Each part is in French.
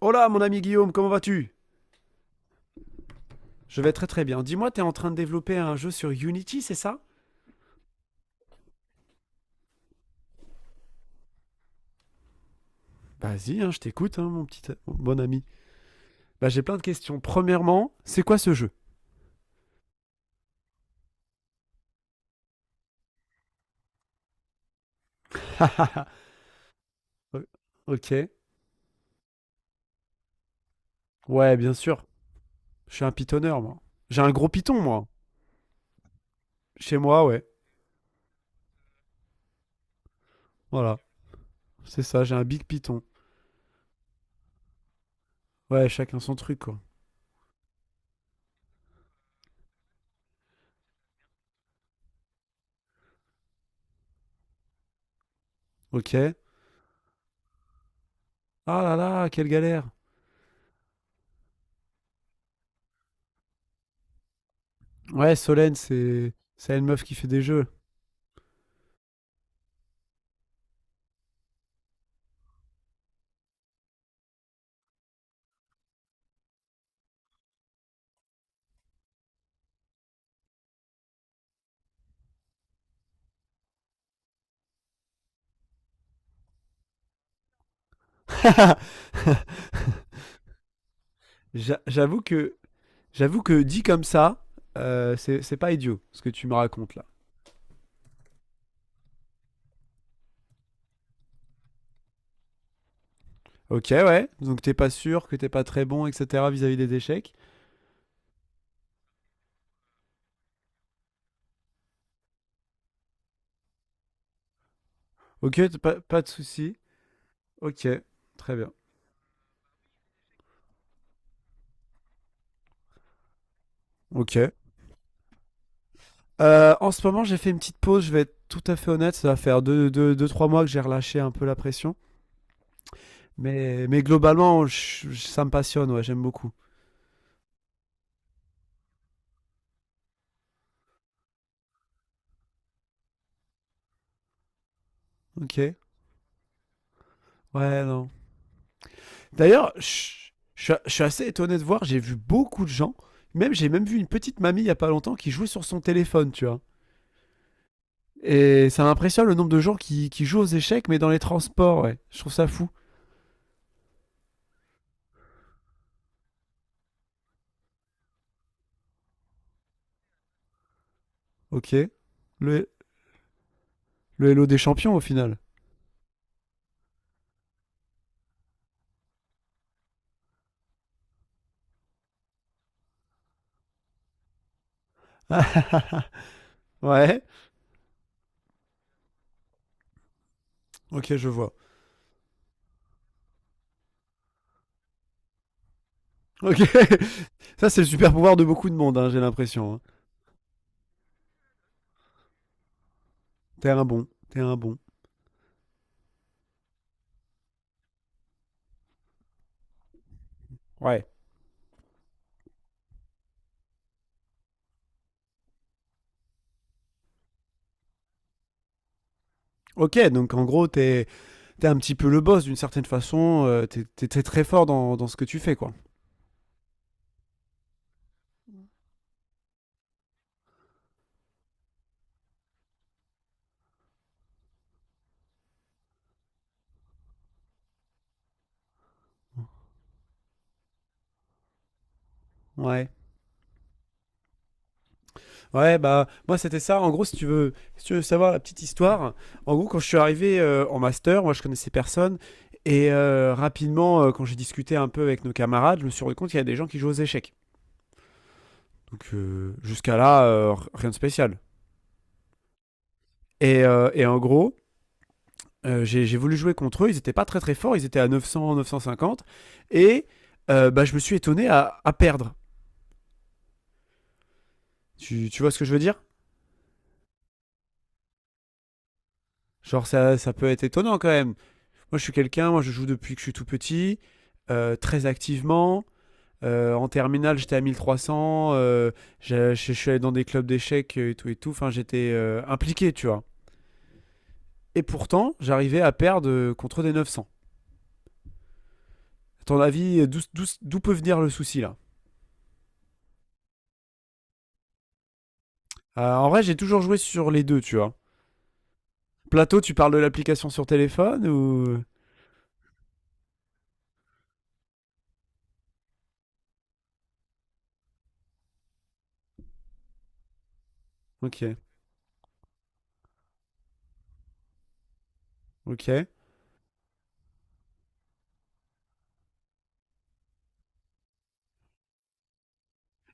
Hola mon ami Guillaume, comment vas-tu? Je vais très très bien. Dis-moi, t'es en train de développer un jeu sur Unity, c'est ça? Vas-y, hein, je t'écoute, hein, mon petit mon bon ami. Bah j'ai plein de questions. Premièrement, c'est quoi ce jeu? O- Ok. Ouais, bien sûr. Je suis un pitonneur, moi. J'ai un gros piton, moi. Chez moi, ouais. Voilà. C'est ça, j'ai un big piton. Ouais, chacun son truc, quoi. Ok. Ah là là, quelle galère. Ouais, Solène, c'est... C'est une meuf qui fait des jeux. J'avoue que j'avoue que dit comme ça, c'est pas idiot ce que tu me racontes là. Ok, ouais. Donc t'es pas sûr que t'es pas très bon, etc. vis-à-vis des échecs. Ok, pas, pas de souci. Ok, très bien. Ok. En ce moment, j'ai fait une petite pause. Je vais être tout à fait honnête. Ça va faire deux, trois mois que j'ai relâché un peu la pression. Mais globalement, ça me passionne. Ouais, j'aime beaucoup. Ok. Ouais, non. D'ailleurs, je suis assez étonné de voir. J'ai vu beaucoup de gens. Même, j'ai même vu une petite mamie il y a pas longtemps qui jouait sur son téléphone, tu vois. Et ça m'impressionne le nombre de gens qui jouent aux échecs, mais dans les transports, ouais. Je trouve ça fou. Ok. Le, le Hello des champions, au final. ouais. Ok, je vois. Ok. Ça, c'est le super pouvoir de beaucoup de monde, hein, j'ai l'impression. Hein. T'es un bon. T'es un bon. Ouais. Ok, donc en gros, t'es un petit peu le boss d'une certaine façon. T'es t'es très fort dans, dans ce que tu fais, quoi. Ouais. Ouais, bah, moi, c'était ça. En gros, si tu veux, si tu veux savoir la petite histoire, en gros, quand je suis arrivé en master, moi, je connaissais personne. Et rapidement, quand j'ai discuté un peu avec nos camarades, je me suis rendu compte qu'il y a des gens qui jouent aux échecs. Donc, jusqu'à là, rien de spécial. Et en gros, j'ai voulu jouer contre eux. Ils étaient pas très très forts. Ils étaient à 900, 950. Et bah, je me suis étonné à perdre. Tu vois ce que je veux dire? Genre, ça peut être étonnant quand même. Moi, je suis quelqu'un, moi, je joue depuis que je suis tout petit, très activement. En terminale, j'étais à 1300. Je, je suis allé dans des clubs d'échecs et tout et tout. Enfin, j'étais impliqué, tu vois. Et pourtant, j'arrivais à perdre contre des 900. À ton avis, d'où peut venir le souci là? En vrai, j'ai toujours joué sur les deux, tu vois. Plateau, tu parles de l'application sur téléphone ou? Ok, ok.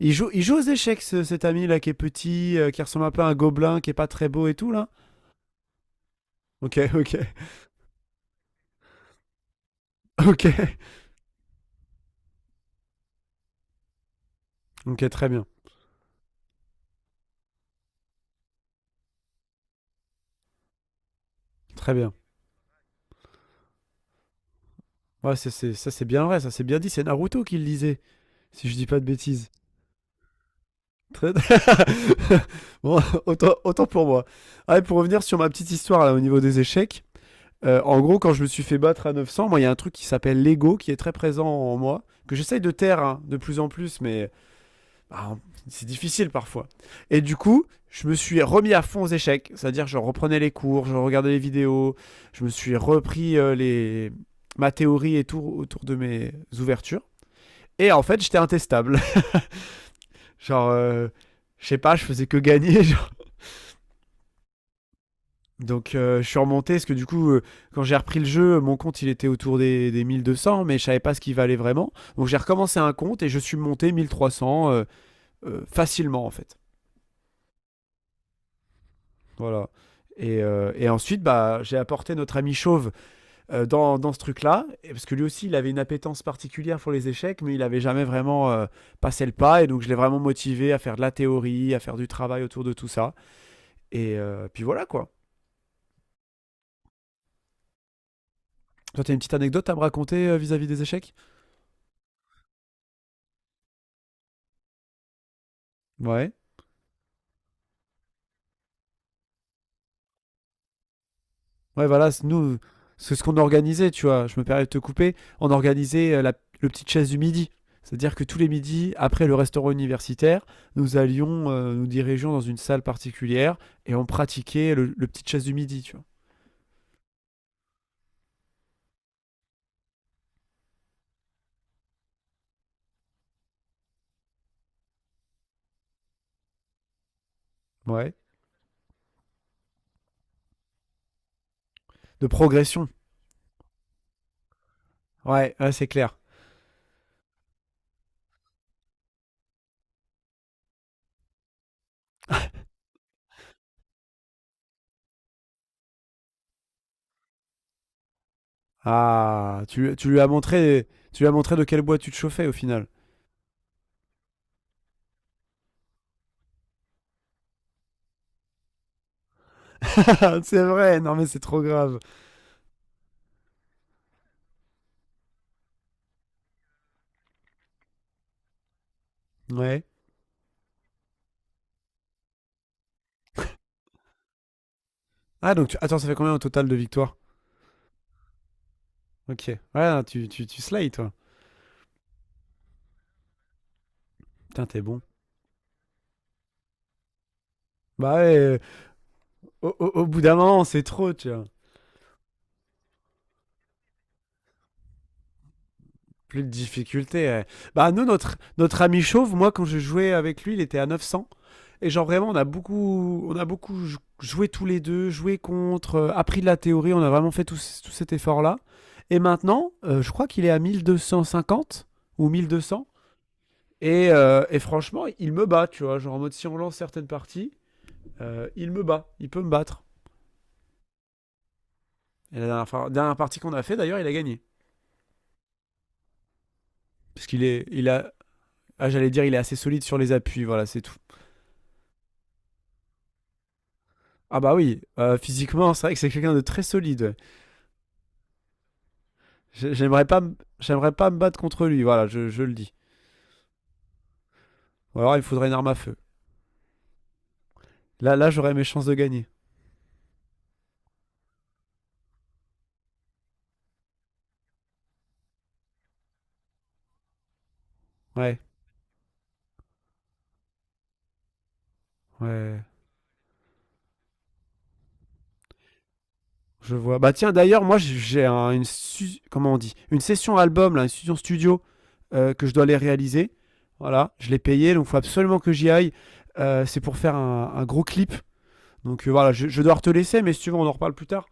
Il joue aux échecs, cet ami là qui est petit, qui ressemble un peu à un gobelin, qui est pas très beau et tout là. Ok, ok, ok. Ok, très bien, très bien. Ouais, ça c'est bien vrai, ça c'est bien dit, c'est Naruto qui le disait, si je dis pas de bêtises. Très- bon, autant, autant pour moi. Ah, et pour revenir sur ma petite histoire là, au niveau des échecs, en gros, quand je me suis fait battre à 900, moi il y a un truc qui s'appelle l'ego qui est très présent en moi, que j'essaye de taire hein, de plus en plus, mais bah, c'est difficile parfois. Et du coup, je me suis remis à fond aux échecs, c'est-à-dire je reprenais les cours, je regardais les vidéos, je me suis repris les... ma théorie et tout autour de mes ouvertures. Et en fait, j'étais intestable. Genre, je sais pas, je faisais que gagner. Genre. Donc, je suis remonté parce que du coup, quand j'ai repris le jeu, mon compte il était autour des 1200, mais je savais pas ce qu'il valait vraiment. Donc, j'ai recommencé un compte et je suis monté 1300 facilement en fait. Voilà. Et ensuite, bah, j'ai apporté notre ami Chauve dans, dans ce truc-là, et- parce que lui aussi, il avait une appétence particulière pour les échecs, mais il n'avait jamais vraiment passé le pas, et donc je l'ai vraiment motivé à faire de la théorie, à faire du travail autour de tout ça. Et puis voilà, quoi. Toi, t'as une petite anecdote à me raconter vis-à-vis des échecs? Ouais. Ouais, voilà, nous, c'est ce qu'on organisait, tu vois. Je me permets de te couper. On organisait la, le petite chasse du midi. C'est-à-dire que tous les midis, après le restaurant universitaire, nous allions, nous dirigeons dans une salle particulière et on pratiquait le petite chasse du midi, tu vois. Ouais. De progression. Ouais, ouais, c'est clair. Ah, tu lui as montré, tu lui as montré de quel bois tu te chauffais au final. C'est vrai, non mais c'est trop grave. Ouais. Ah donc attends, ça fait combien au total de victoires? Ok. Ouais, tu slides, toi. Putain, t'es bon. Bah ouais. Au bout d'un moment, c'est trop, tu vois. Plus de difficulté. Bah, nous, notre, notre ami chauve, moi, quand je jouais avec lui, il était à 900. Et genre, vraiment, on a beaucoup, joué tous les deux, joué contre, appris de la théorie, on a vraiment fait tout, tout cet effort-là. Et maintenant, je crois qu'il est à 1250 ou 1200. Et franchement, il me bat, tu vois. Genre, en mode, si on lance certaines parties, il me bat, il peut me battre. Et la dernière partie qu'on a fait, d'ailleurs, il a gagné. Parce qu'il a, ah, j'allais dire, il est assez solide sur les appuis, voilà, c'est tout. Ah bah oui, physiquement, c'est vrai que c'est quelqu'un de très solide. Ouais. J'aimerais pas, j'aimerais pas me battre contre lui, voilà, je le dis. Ou alors, il me faudrait une arme à feu. Là, là, j'aurais mes chances de gagner. Ouais, ouais, je vois. Bah tiens, d'ailleurs, moi, une, comment on dit, une session album, là, une session studio que je dois aller réaliser. Voilà, je l'ai payé, donc faut absolument que j'y aille. C'est pour faire un gros clip. Donc voilà, je dois te laisser, mais si tu veux, on en reparle plus tard.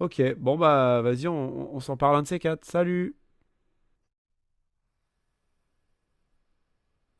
Ok, bon bah vas-y, on s'en parle un de ces quatre. Salut!